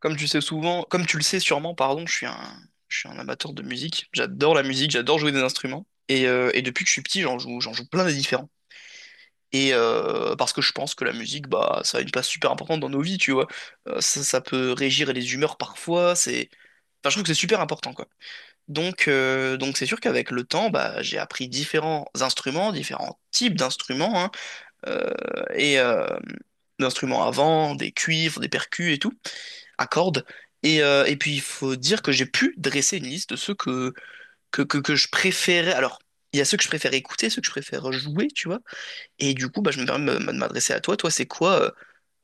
Comme tu sais souvent, comme tu le sais sûrement, pardon, je suis un amateur de musique. J'adore la musique, j'adore jouer des instruments. Et depuis que je suis petit, j'en joue plein de différents. Et parce que je pense que la musique, bah, ça a une place super importante dans nos vies, tu vois. Ça peut régir les humeurs parfois. C'est, enfin, je trouve que c'est super important, quoi. Donc c'est sûr qu'avec le temps, bah, j'ai appris différents instruments, différents types d'instruments, hein, euh, et euh, d'instruments à vent, des cuivres, des percus et tout à cordes. Et puis, il faut dire que j'ai pu dresser une liste de ceux que je préférais. Alors, il y a ceux que je préfère écouter, ceux que je préfère jouer, tu vois. Et du coup, bah, je me permets de m'adresser à toi. Toi, c'est quoi, euh,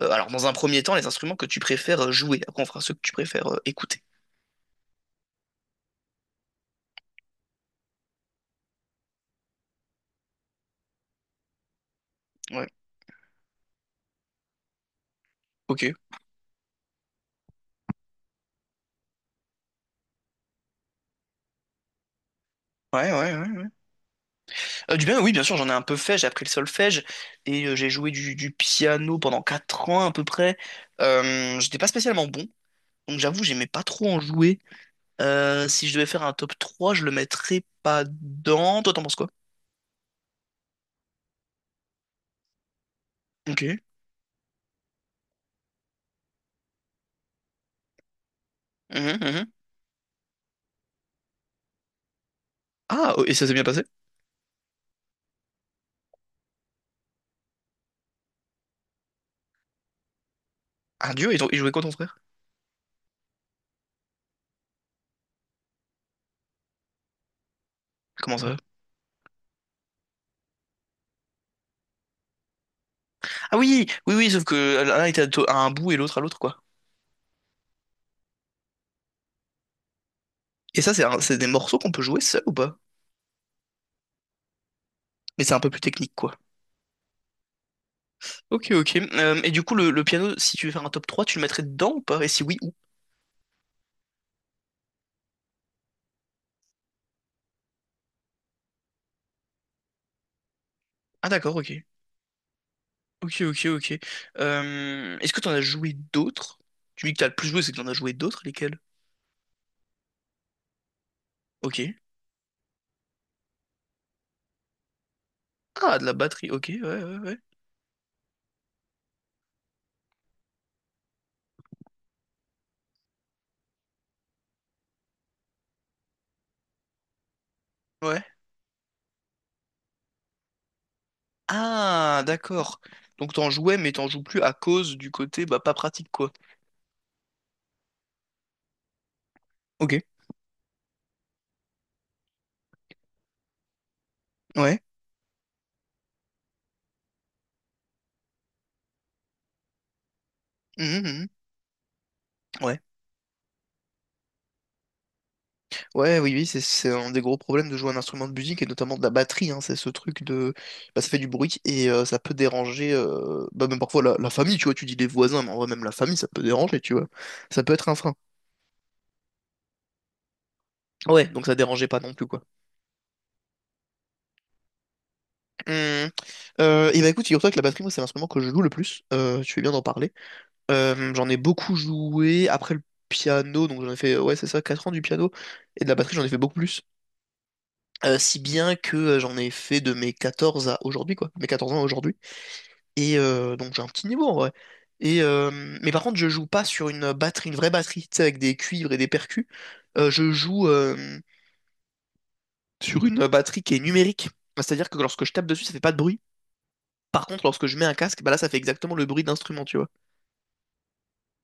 euh, alors, dans un premier temps, les instruments que tu préfères jouer. Après, on fera ceux que tu préfères écouter. Ouais. Ok. Ouais, ouais, ouais, ouais. Du bien, oui, bien sûr, j'en ai un peu fait. J'ai appris le solfège et j'ai joué du piano pendant 4 ans à peu près. J'étais pas spécialement bon, donc j'avoue, j'aimais pas trop en jouer. Si je devais faire un top 3, je le mettrais pas dans. Toi, t'en penses quoi? Ok. Mhm, mhm. Ah, oh, et ça s'est bien passé? Ah, Dieu, ils jouaient quoi ton frère? Comment ça va? Ah oui, sauf que l'un était à un bout et l'autre à l'autre, quoi. Et ça, c'est des morceaux qu'on peut jouer seul ou pas? Mais c'est un peu plus technique, quoi. Ok, ok. Et du coup, le piano, si tu veux faire un top 3, tu le mettrais dedans ou pas? Et si oui, où? Ah, d'accord, ok. Ok, ok, ok. Est-ce que t'en as joué d'autres? Tu me dis que t'as le plus joué, c'est que t'en as joué d'autres, lesquels? Ok. Ah, de la batterie, ok, ouais, ouais, ouais. Ouais. Ah, d'accord. Donc t'en jouais, mais t'en joues plus à cause du côté bah pas pratique quoi. Ok. Ouais. Mhm, mhm. Ouais. Ouais, oui, oui, c'est un des gros problèmes de jouer un instrument de musique et notamment de la batterie, hein. C'est ce truc de, bah ça fait du bruit et ça peut déranger, bah même parfois la famille, tu vois. Tu dis les voisins, mais en vrai même la famille, ça peut déranger, tu vois. Ça peut être un frein. Ouais, donc ça dérangeait pas non plus quoi. Hum. Et bah écoute, figure-toi que la batterie, moi, c'est l'instrument que je joue le plus. Tu fais bien d'en parler. J'en ai beaucoup joué après le piano, donc j'en ai fait, ouais, c'est ça, 4 ans du piano. Et de la batterie, j'en ai fait beaucoup plus. Si bien que j'en ai fait de mes 14 à aujourd'hui, quoi. Mes 14 ans à aujourd'hui. Et donc j'ai un petit niveau en vrai. Et, euh, mais par contre, je joue pas sur une batterie, une vraie batterie, tu sais, avec des cuivres et des percus. Je joue sur une batterie qui est numérique. C'est-à-dire que lorsque je tape dessus, ça fait pas de bruit. Par contre, lorsque je mets un casque, bah là, ça fait exactement le bruit d'instrument, tu vois.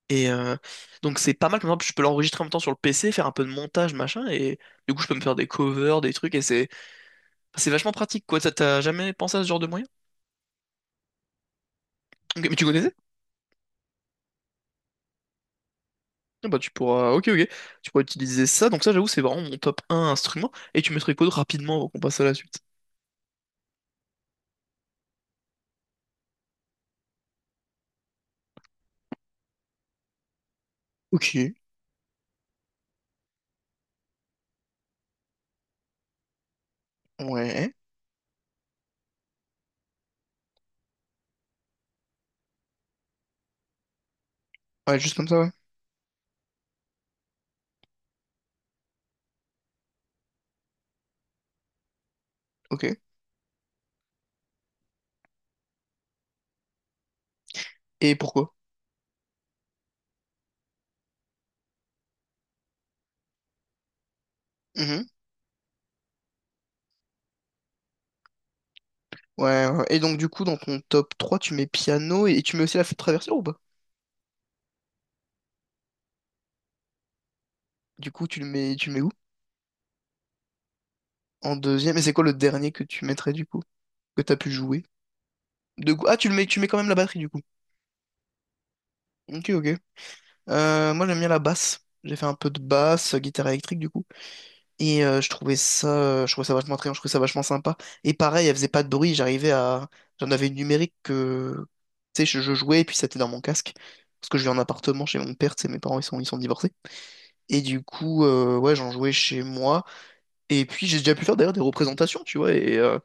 Et donc c'est pas mal, comme exemple, je peux l'enregistrer en même temps sur le PC, faire un peu de montage, machin, et du coup je peux me faire des covers, des trucs, et c'est vachement pratique, quoi. T'as jamais pensé à ce genre de moyen? Ok, mais tu connaissais? Ah bah tu pourras, ok, ok, tu pourras utiliser ça, donc ça j'avoue c'est vraiment mon top un instrument, et tu mettrais quoi de rapidement avant qu'on passe à la suite? Ok, ouais. Ouais, juste comme ça, ouais. Ok. Et pourquoi? Mhm. Ouais, ouais. Et donc, du coup, dans ton top 3 tu mets piano et tu mets aussi la flûte traversière ou pas? Du coup, tu le mets où? En deuxième. Et c'est quoi le dernier que tu mettrais, du coup? Que t'as pu jouer? De... go- Ah, tu mets quand même la batterie du coup. Ok, ok. Moi j'aime bien la basse. J'ai fait un peu de basse, guitare électrique du coup. Et je trouvais ça vachement attrayant, je trouvais ça vachement sympa. Et pareil, elle faisait pas de bruit, j'arrivais à. J'en avais une numérique que. Tu sais, je jouais et puis c'était dans mon casque. Parce que je vis en appartement chez mon père, tu sais, mes parents ils sont divorcés. Et du coup, ouais, j'en jouais chez moi. Et puis j'ai déjà pu faire d'ailleurs des représentations, tu vois. Et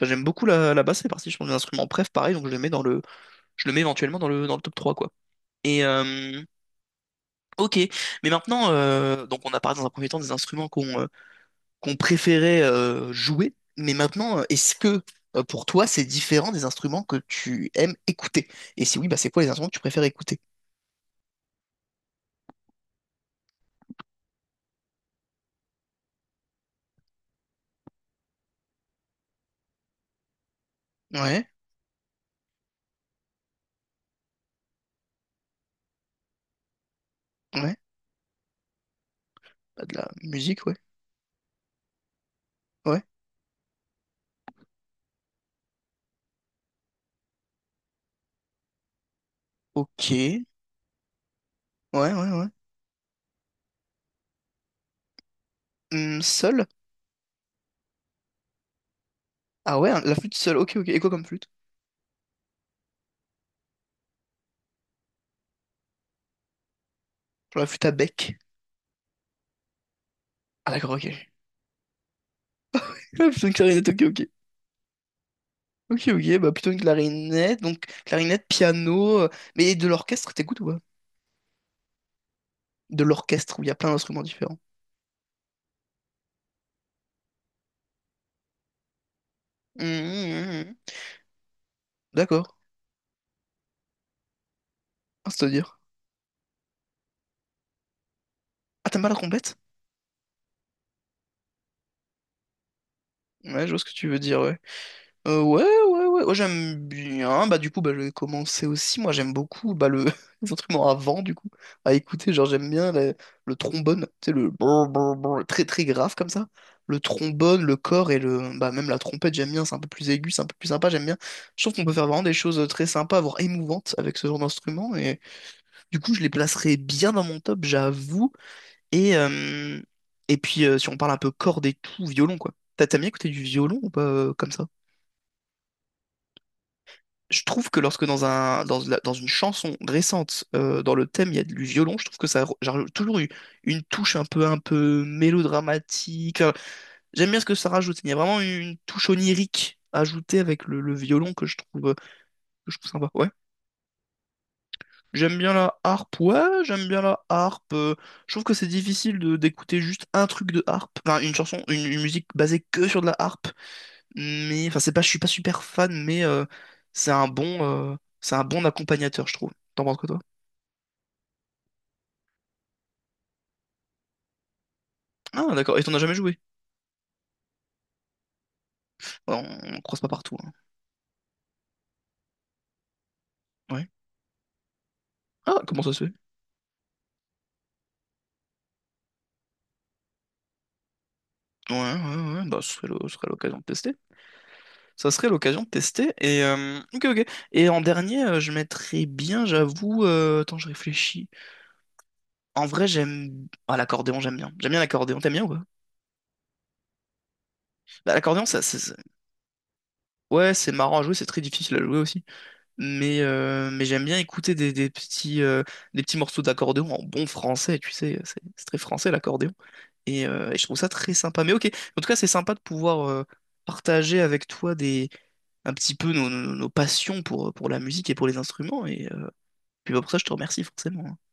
enfin, j'aime beaucoup la basse, c'est parti, je pense, d'un instrument. Bref, pareil, donc je le mets dans le. Je le mets éventuellement dans le top 3 quoi. Et euh, ok, mais maintenant, donc on a parlé dans un premier temps des instruments qu'on préférait jouer, mais maintenant, est-ce que pour toi c'est différent des instruments que tu aimes écouter? Et si oui, bah c'est quoi les instruments que tu préfères écouter? Ouais, ouais, bah, de la musique, ouais, ouais, ok, ouais, ouais, ouais. Seul? Ah ouais, hein, la flûte seule, ok, ok. Et quoi comme flûte? Genre la flûte à bec. Ah d'accord, ok. Ah, plutôt une clarinette, ok, ok. Ok, ok, bah plutôt une clarinette, donc clarinette, piano, mais de l'orchestre, t'écoutes ou pas? De l'orchestre, où il y a plein d'instruments différents. Hum, hum, hum, hum. D'accord, ah, c'est-à-dire. Ah, t'aimes pas la trompette? Ouais, je vois ce que tu veux dire, ouais. Ouais, j'aime bien. Bah, du coup, bah, je vais commencer aussi. Moi, j'aime beaucoup bah, le... les instruments à vent, du coup, à écouter. Genre, j'aime bien le trombone, tu sais, le brr, brr, brr, très très grave comme ça. Le trombone, le corps et le. Bah, même la trompette, j'aime bien. C'est un peu plus aigu, c'est un peu plus sympa, j'aime bien. Je trouve qu'on peut faire vraiment des choses très sympas, voire émouvantes avec ce genre d'instrument. Et du coup, je les placerai bien dans mon top, j'avoue. Et, euh, et puis, si on parle un peu cordes et tout, violon, quoi. T'as bien écouté du violon ou pas comme ça? Je trouve que lorsque dans un, dans une chanson récente, dans le thème, il y a du violon, je trouve que ça a j'ai toujours eu une touche un peu mélodramatique. Enfin, j'aime bien ce que ça rajoute. Il y a vraiment une touche onirique ajoutée avec le violon que je trouve, que je trouve sympa. Ouais. J'aime bien la harpe. Ouais, j'aime bien la harpe. Je trouve que c'est difficile de d'écouter juste un truc de harpe. Enfin, une chanson, une musique basée que sur de la harpe mais enfin c'est pas, je suis pas super fan, mais c'est un bon, c'est un bon accompagnateur, je trouve. T'en penses quoi toi? Ah d'accord, et t'en as jamais joué? Bah, on croise pas partout, hein. Ouais. Ah comment ça se fait? Ouais, ouais, ouais, bah ce serait l'occasion de tester. Ça serait l'occasion de tester, et ok, ok. Et en dernier, je mettrais bien, j'avoue, attends, je réfléchis. En vrai, j'aime... Ah, l'accordéon, j'aime bien. J'aime bien l'accordéon, t'aimes bien ou pas? Bah, l'accordéon, ça, c'est- Ouais, c'est marrant à jouer, c'est très difficile à jouer aussi. Mais j'aime bien écouter des petits morceaux d'accordéon en bon français, tu sais, c'est très français l'accordéon. Et je trouve ça très sympa. Mais ok, en tout cas, c'est sympa de pouvoir partager avec toi des, un petit peu nos passions pour la musique et pour les instruments. Et puis bah, pour ça, je te remercie forcément, hein.